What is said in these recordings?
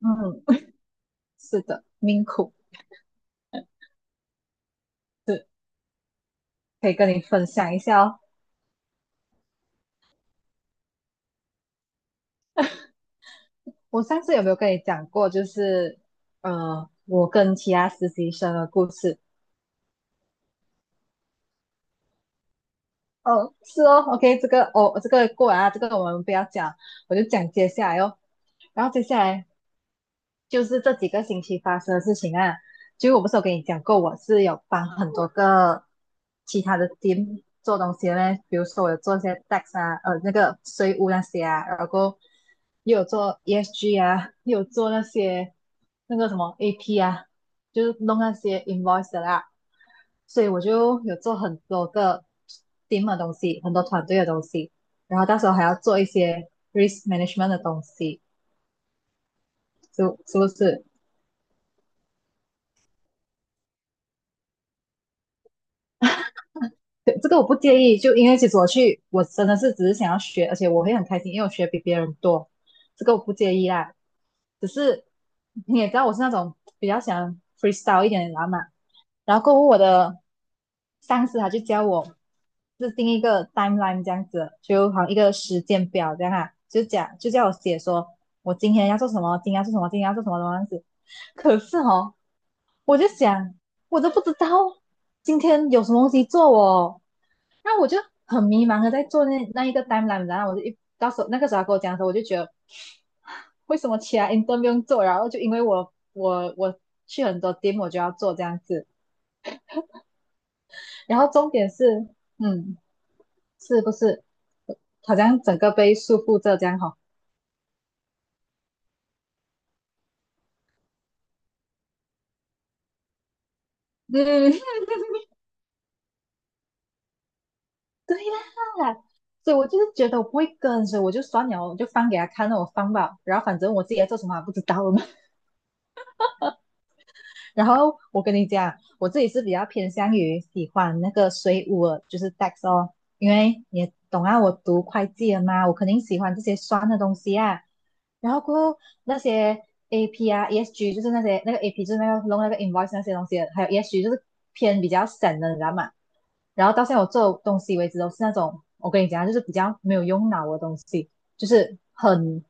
嗯，是的，命苦。是，可以跟你分享一下哦。我上次有没有跟你讲过，就是我跟其他实习生的故事？哦，是哦，OK。这个哦，这个过完啊，这个我们不要讲，我就讲接下来哦。然后接下来就是这几个星期发生的事情啊。就我不是有跟你讲过，我是有帮很多个其他的 team 做东西的嘞，比如说我有做一些 tax 啊，那个税务那些啊，然后又有做 ESG 啊，又有做那些那个什么 AP 啊，就是弄那些 invoice 的啦。所以我就有做很多个 team 的东西，很多团队的东西，然后到时候还要做一些 risk management 的东西，就是不是？对，这个我不介意，就因为其实我去，我真的是只是想要学，而且我会很开心，因为我学比别人多，这个我不介意啦。只是你也知道我是那种比较想 freestyle 一点的人嘛，然后过后我的上司他就教我制定一个 timeline 这样子，就好像一个时间表这样啊，就讲就叫我写说我今天要做什么，今天要做什么，今天要做什么这样子。可是哦，我就想我都不知道今天有什么东西做哦。那我就很迷茫的在做那一个 timeline，然后我就一到时候那个时候他跟我讲的时候，我就觉得为什么其他 i n t e r 不用做，然后就因为我去很多 team 我就要做这样子，然后重点是，嗯，是不是好像整个被束缚着这样哈、哦。嗯，对啦。所以我就是觉得我不会跟，所以我就算了，我就放给他看，那我放吧，然后反正我自己在做什么还不知道。然后我跟你讲，我自己是比较偏向于喜欢那个水务的，就是 DAX 哦，因为你也懂啊，我读会计的嘛，我肯定喜欢这些酸的东西啊。然后过后那些 AP 啊、ESG，就是那些那个 AP 就是那个弄那个 invoice 那些东西的还有 ESG 就是偏比较省的，你知道吗？然后到现在我做东西为止都是那种，我跟你讲啊，就是比较没有用脑的东西，就是很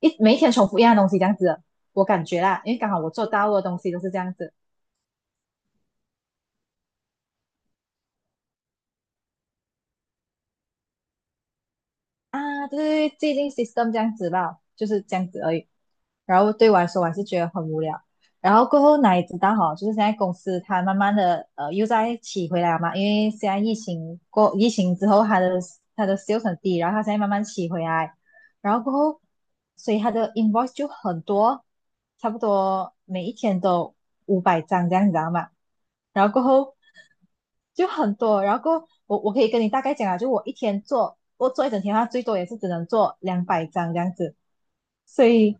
一每一天重复一样的东西这样子的我感觉啦，因为刚好我做大陆的东西都是这样子啊。对，是既定 system 这样子吧，就是这样子而已。然后对我来说我还是觉得很无聊。然后过后哪里知道哈，就是现在公司它慢慢的又在起回来了嘛，因为现在疫情过疫情之后，它的 sales 很低，然后它现在慢慢起回来，然后过后所以它的 invoice 就很多，差不多每一天都500张这样，你知道吗？然后过后就很多，然后过后我可以跟你大概讲啊，就我一天做我做一整天，它最多也是只能做200张这样子。所以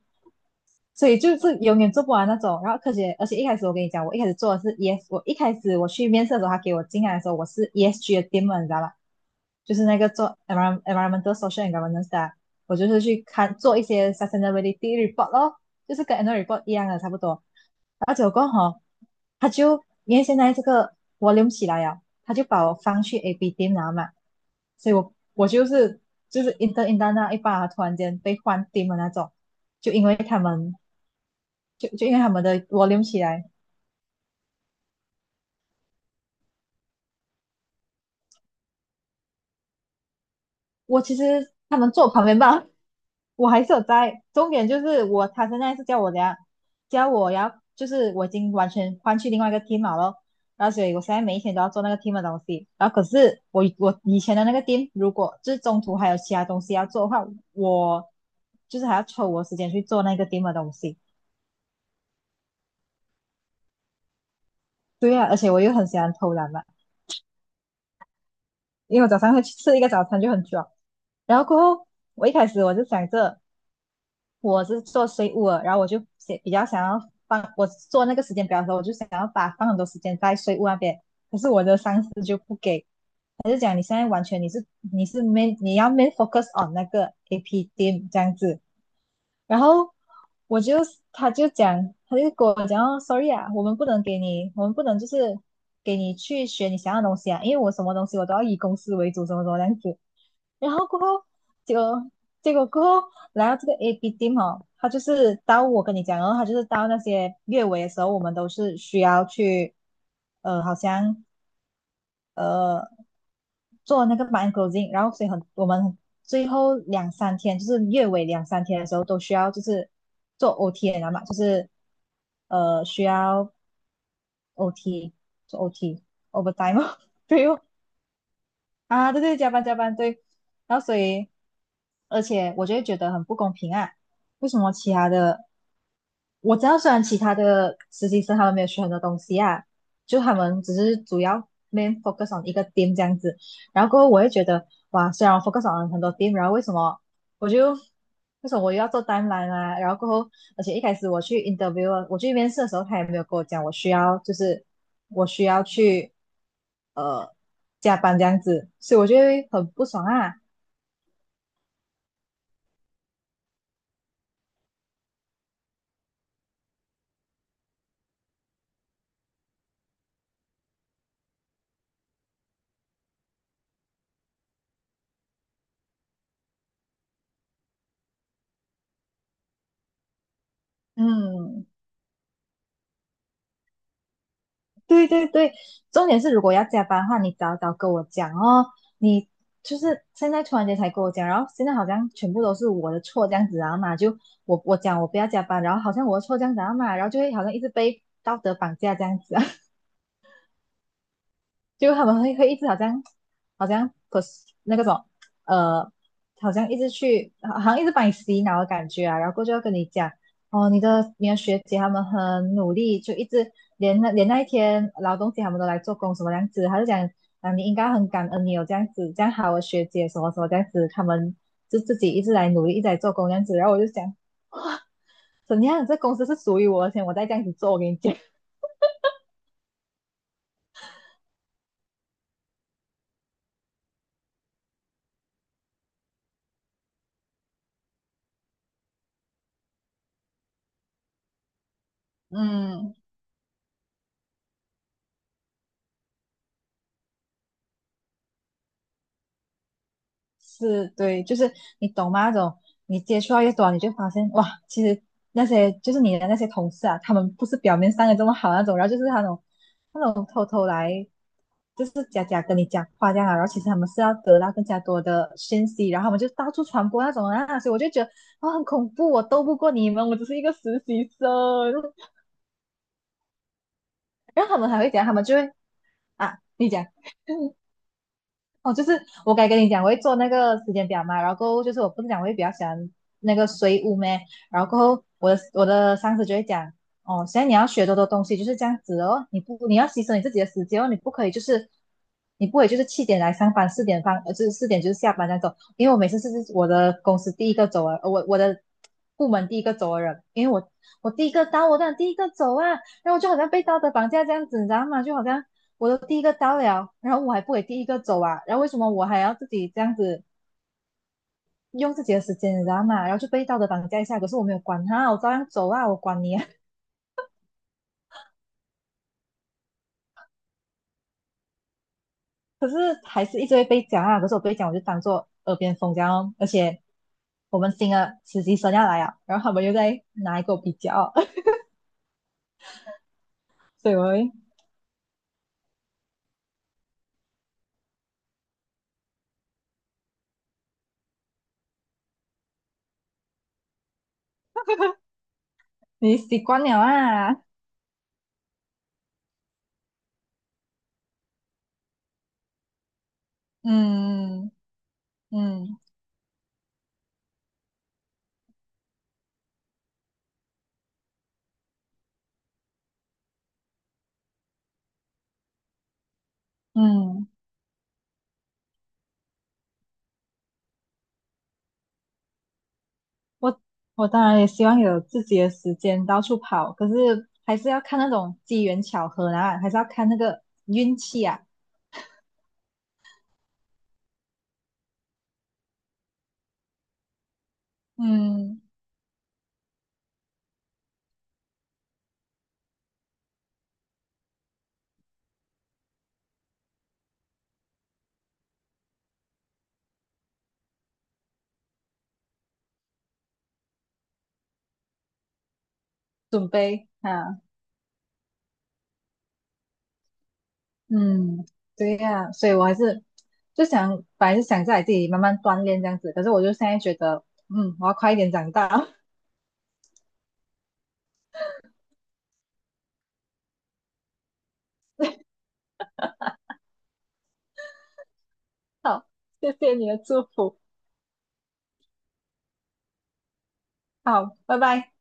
所以就是永远做不完那种。然后科学，而且一开始我跟你讲，我一开始做的是 ES，我一开始我去面试的时候，他给我进来的时候，我是 ESG 的 team，你知道吧？就是那个做 r o n m e n t a l social and governance 的啊，我就是去看做一些 sustainability report 咯，就是跟 annual report 一样的差不多。然后结果哈他就因为现在这个 volume 起来呀，他就把我放去 AB t e 了嘛，所以我就是i n t e inter 那一把突然间被换 t e 的那种，就因为他们就因为他们的 volume 起来，我其实他们坐我旁边吧，我还是有在。重点就是我，他现在是叫我怎样，叫我要，就是我已经完全换去另外一个 team 了咯。然后所以我现在每一天都要做那个 team 的东西。然后可是我以前的那个 team，如果就是中途还有其他东西要做的话，我就是还要抽我时间去做那个 team 的东西。对啊，而且我又很喜欢偷懒嘛，因为我早上会去吃一个早餐就很爽。然后过后，我一开始我就想着。我是做税务的，然后我就写比较想要放我做那个时间表的时候，我就想要把放很多时间在税务那边，可是我的上司就不给，他就讲你现在完全你是没你要没 focus on 那个 AP team 这样子，然后我就他就讲他就跟我讲哦，sorry 啊，我们不能给你，我们不能就是给你去学你想要的东西啊，因为我什么东西我都要以公司为主，什么什么这样子，然后过后，结果结果过后来到这个 A B team 哦，他就是到我跟你讲哦，然后他就是到那些月尾的时候，我们都是需要去，好像呃做那个 mind closing，然后所以我们最后两三天，就是月尾两三天的时候都需要就是做 OT 的嘛，就是需要 OT 做 OT overtime 哦，对哦，啊，对对，加班加班，对。然后所以，而且我就会觉得很不公平啊，为什么其他的我知道，虽然其他的实习生他们没有学很多东西啊，就他们只是主要 main focus on 一个 team 这样子。然后过后我会觉得，哇，虽然我 focus on 很多 team，然后为什么我又要做单栏啊？然后过后，而且一开始我去 interview，啊我去面试的时候，他也没有跟我讲我需要就是我需要去呃加班这样子，所以我就会很不爽啊。嗯，对对对。重点是如果要加班的话，你早早跟我讲哦。你就是现在突然间才跟我讲，然后现在好像全部都是我的错这样子然后嘛，就我讲我不要加班，然后好像我的错这样子啊嘛，然后就会好像一直被道德绑架这样子啊。就他们会一直好像好像不是那个什么呃，好像一直去好像一直把你洗脑的感觉啊，然后过后就要跟你讲哦，你的学姐他们很努力，就一直连那一天劳动节他们都来做工什么样子，他就讲啊你应该很感恩你有这样子这样好的学姐什么什么这样子，他们就自己一直来努力一直来做工这样子，然后我就想怎样这公司是属于我的钱，而且我再这样子做，我跟你讲。嗯，是对，就是你懂吗？那种你接触到越多，你就发现哇，其实那些就是你的那些同事啊，他们不是表面上的这么好那种，然后就是那种偷偷来，就是假假跟你讲话这样啊，然后其实他们是要得到更加多的信息，然后他们就到处传播那种啊，所以我就觉得啊、很恐怖，我斗不过你们，我只是一个实习生。然后他们还会讲，他们就会啊，你讲，哦，就是我该跟你讲，我会做那个时间表嘛，然后过后就是我不是讲我会比较喜欢那个水舞咩，然后过后我的上司就会讲，哦，现在你要学多多东西就是这样子哦，你不你要牺牲你自己的时间哦，你不可以就是7点来上班，四点放就是四点就是下班那走，因为我每次是我的公司第一个走啊，我的部门第一个走的人，因为我第一个到哦，我当然第一个走啊，然后我就好像被道德绑架这样子，你知道吗？就好像我都第一个到了，然后我还不给第一个走啊，然后为什么我还要自己这样子用自己的时间，你知道吗？然后就被道德绑架一下，可是我没有管他，我照样走啊，我管你啊，可是还是一直会被讲啊，可是我被讲我就当做耳边风这样哦而且我们新的实习生要来啊，然后他们又在拿一个比较，所以我会你习惯了啊，嗯嗯嗯，我我当然也希望有自己的时间到处跑，可是还是要看那种机缘巧合啊，还是要看那个运气啊。嗯，准备啊，嗯，对呀、所以我还是就想，本来是想在自己慢慢锻炼这样子，可是我就现在觉得，嗯，我要快一点长大。好，谢谢你的祝福，好，拜拜。